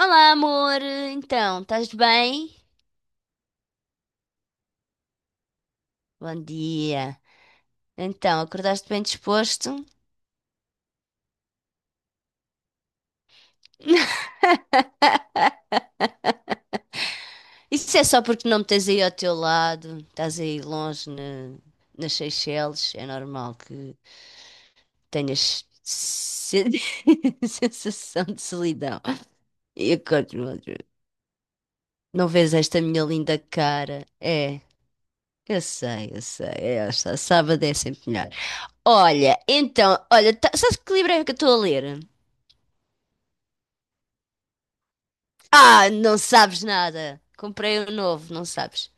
Olá, amor. Então, estás bem? Bom dia. Então, acordaste bem disposto? Isso é só porque não me tens aí ao teu lado, estás aí longe nas Seychelles. É normal que tenhas se- sensação de solidão. E acordo, não vês esta minha linda cara? É, eu sei. É, esta sábado é sempre melhor. Olha, então, olha, tá, sabes que livro é que eu estou a ler? Ah, não sabes nada. Comprei um novo, não sabes.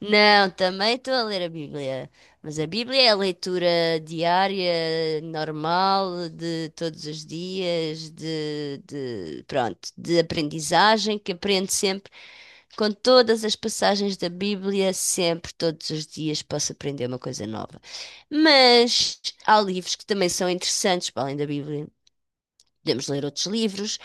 Não, também estou a ler a Bíblia. Mas a Bíblia é a leitura diária, normal, de todos os dias, pronto, de aprendizagem, que aprendo sempre, com todas as passagens da Bíblia, sempre, todos os dias, posso aprender uma coisa nova. Mas há livros que também são interessantes, para além da Bíblia. Podemos ler outros livros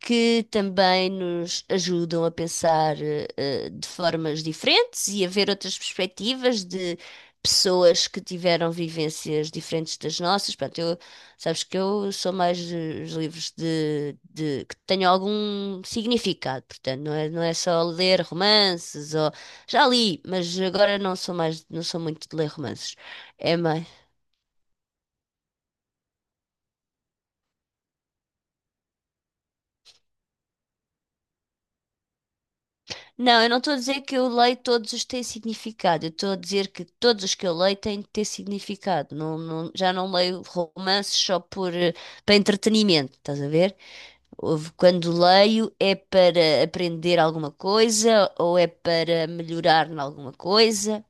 que também nos ajudam a pensar de formas diferentes e a ver outras perspectivas de pessoas que tiveram vivências diferentes das nossas. Pronto, eu, sabes que eu sou mais os livros que tenham algum significado, portanto, não é só ler romances ou já li, mas agora não sou mais, não sou muito de ler romances. É. Não, eu não estou a dizer que eu leio todos os que têm significado. Eu estou a dizer que todos os que eu leio têm de ter significado. Já não leio romances só por, para entretenimento, estás a ver? Quando leio é para aprender alguma coisa ou é para melhorar em alguma coisa.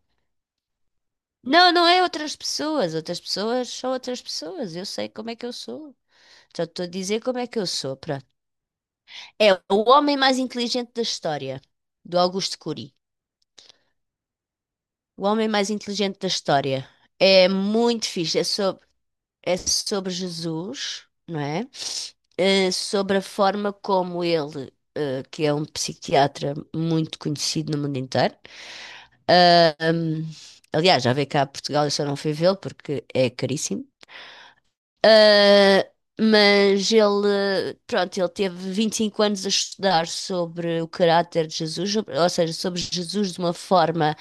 Não, não é outras pessoas. Outras pessoas são outras pessoas. Eu sei como é que eu sou. Só estou a dizer como é que eu sou. Pronto. É o homem mais inteligente da história, do Augusto Cury. O Homem Mais Inteligente da História. É muito fixe. É sobre Jesus, não é? Sobre a forma como que é um psiquiatra muito conhecido no mundo inteiro. ah, hum, Aliás, já veio cá a Portugal, eu só não fui vê-lo porque é caríssimo. Uh, mas ele, pronto, ele teve 25 anos a estudar sobre o caráter de Jesus, ou seja, sobre Jesus de uma forma,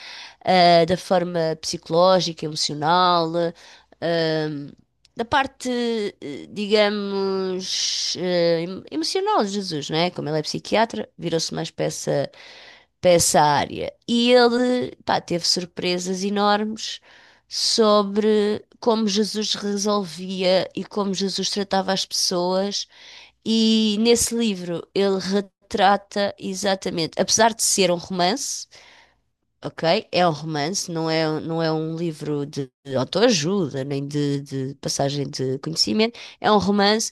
da forma psicológica, emocional, da parte, digamos, emocional de Jesus, não é? Como ele é psiquiatra, virou-se mais para essa área. E ele, pá, teve surpresas enormes sobre como Jesus resolvia e como Jesus tratava as pessoas. E nesse livro ele retrata exatamente, apesar de ser um romance, ok? É um romance, não é, não é um livro de autoajuda, nem de passagem de conhecimento. É um romance,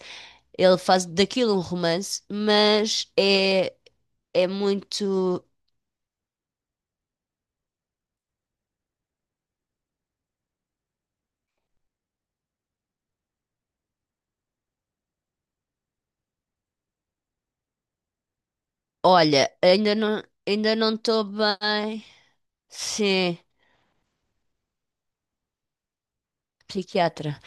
ele faz daquilo um romance, mas é, é muito. Olha, ainda não estou bem. Sim, psiquiatra.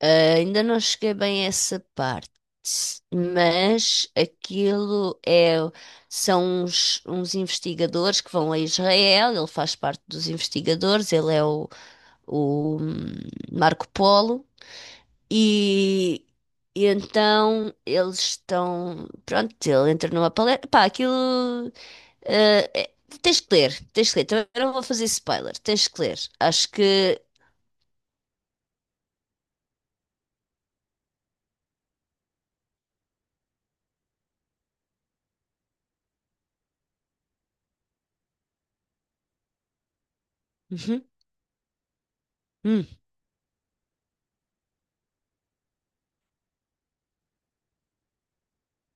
Ah, ainda não cheguei bem a essa parte, mas aquilo é, são uns, uns investigadores que vão a Israel, ele faz parte dos investigadores, ele é o, o Marco Polo, e, e então eles estão, pronto, ele entra numa palestra, pá, aquilo, ah, é- tens que ler, também não vou fazer spoiler, tens que ler, acho que, uhum. Hum,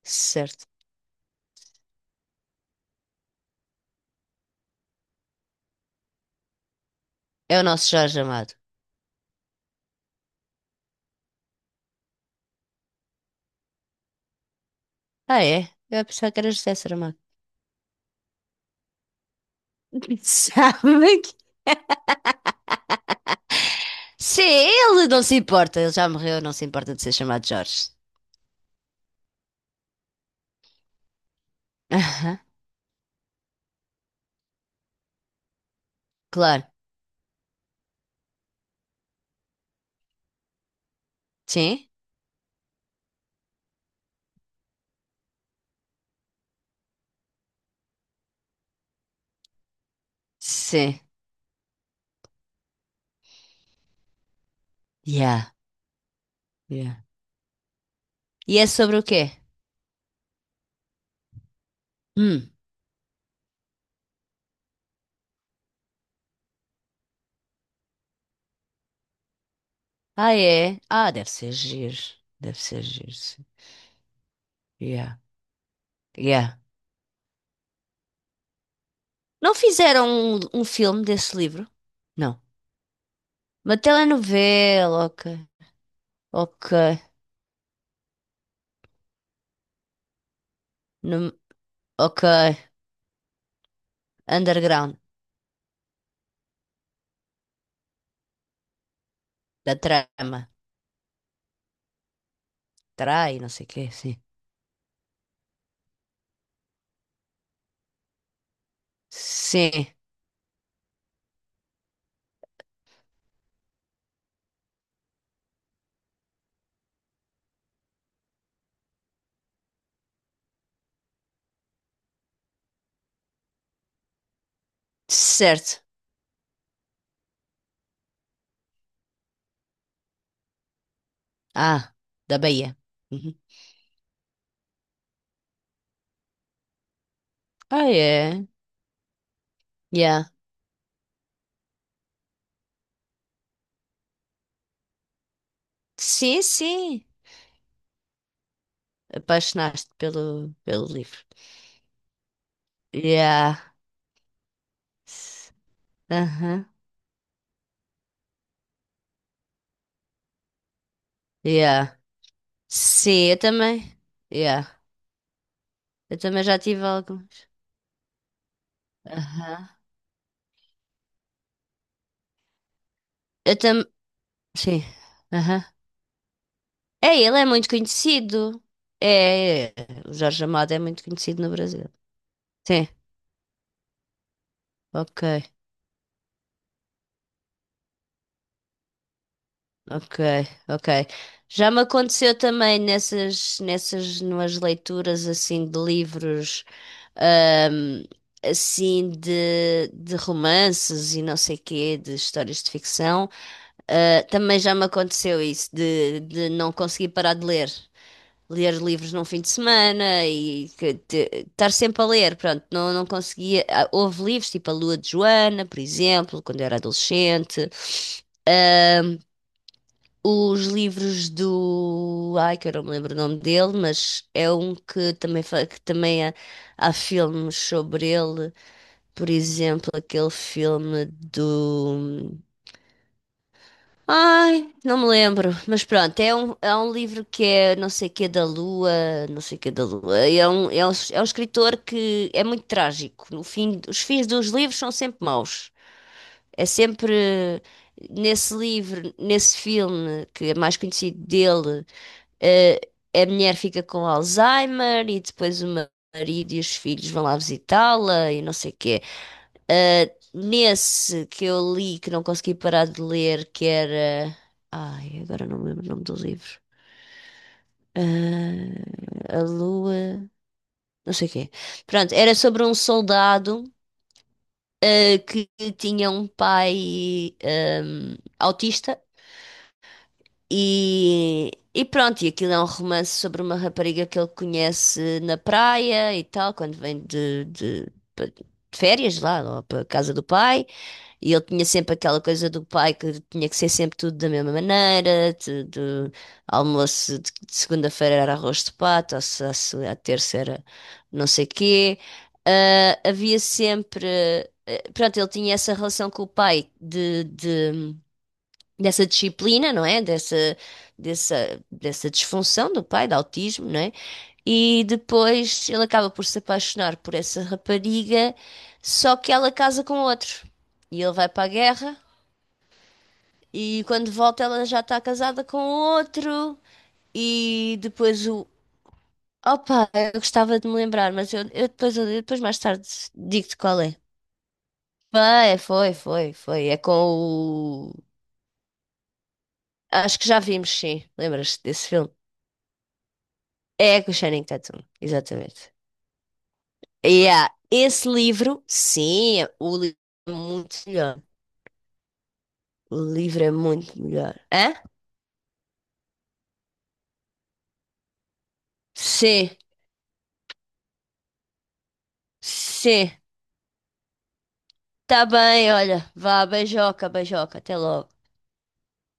certo, é o nosso Jorge Amado. Ah, é? Eu pensava que era José Saramago. Sabe que... Se ele não se importa, ele já morreu, não se importa de ser chamado Jorge. Aham, claro. Sim? Sim. Yeah, yeah. E é sobre o quê? Hum. Ah, é? Ah, deve ser giro. Deve ser giro, sim. Yeah, yeah. Não fizeram um filme desse livro? Não. Uma telenovela, ok. Ok. Num- ok. Underground. Da trama. Trai, não sei o quê, sim. Sim, certo. Ah, da Bahia. Uhum. Ah, é. Yeah. Sim, sim. Apaixonaste pelo, pelo livro. Yeah. S- Aham. Yeah. Sim, eu também. Yeah. Eu também já tive alguns. Aham. Eu também. Sim. Aham. É, ele é muito conhecido. É. O Jorge Amado é muito conhecido no Brasil. Sim, ok. Ok, ok. Já me aconteceu também nas leituras assim de livros, ahm, assim de romances e não sei quê, de histórias de ficção, também já me aconteceu isso, de não conseguir parar de ler. Ler livros num fim de semana e estar sempre a ler, pronto, não, não conseguia. Ah, houve livros tipo A Lua de Joana, por exemplo, quando eu era adolescente. Os livros do. Ai, que eu não me lembro o nome dele, mas é um que também, que também há, há filmes sobre ele. Por exemplo, aquele filme do. Ai, não me lembro. Mas pronto, é um livro que é não sei o que da Lua, não sei o que da Lua. É um, é um, é um escritor que é muito trágico. No fim, os fins dos livros são sempre maus. É sempre nesse livro, nesse filme que é mais conhecido dele eh, a mulher fica com Alzheimer e depois o marido e os filhos vão lá visitá-la e não sei o quê. Nesse que eu li, que não consegui parar de ler, que era. Ai, agora não me lembro o nome do livro. Ah, a Lua. Não sei o quê. Pronto, era sobre um soldado. Que tinha um pai autista. E pronto, e aquilo é um romance sobre uma rapariga que ele conhece na praia e tal, quando vem de férias lá, ou para a casa do pai. E ele tinha sempre aquela coisa do pai que tinha que ser sempre tudo da mesma maneira: de almoço de segunda-feira era arroz de pato, ou se, a, se a terça era não sei quê. Ah, havia sempre. Pronto, ele tinha essa relação com o pai dessa disciplina, não é? Dessa disfunção do pai, de autismo, não é? E depois ele acaba por se apaixonar por essa rapariga, só que ela casa com outro. E ele vai para a guerra, e quando volta ela já está casada com outro. E depois o. Opa, eu gostava de me lembrar, mas eu depois mais tarde digo-te qual é. Foi. É com o. Acho que já vimos, sim. Lembras-te desse filme? É com o Channing Tatum, exatamente. Esse livro, sim, o livro é muito melhor. O livro é muito melhor. Hã? Sim, sim. Tá bem, olha. Vá, beijoca, beijoca. Até logo.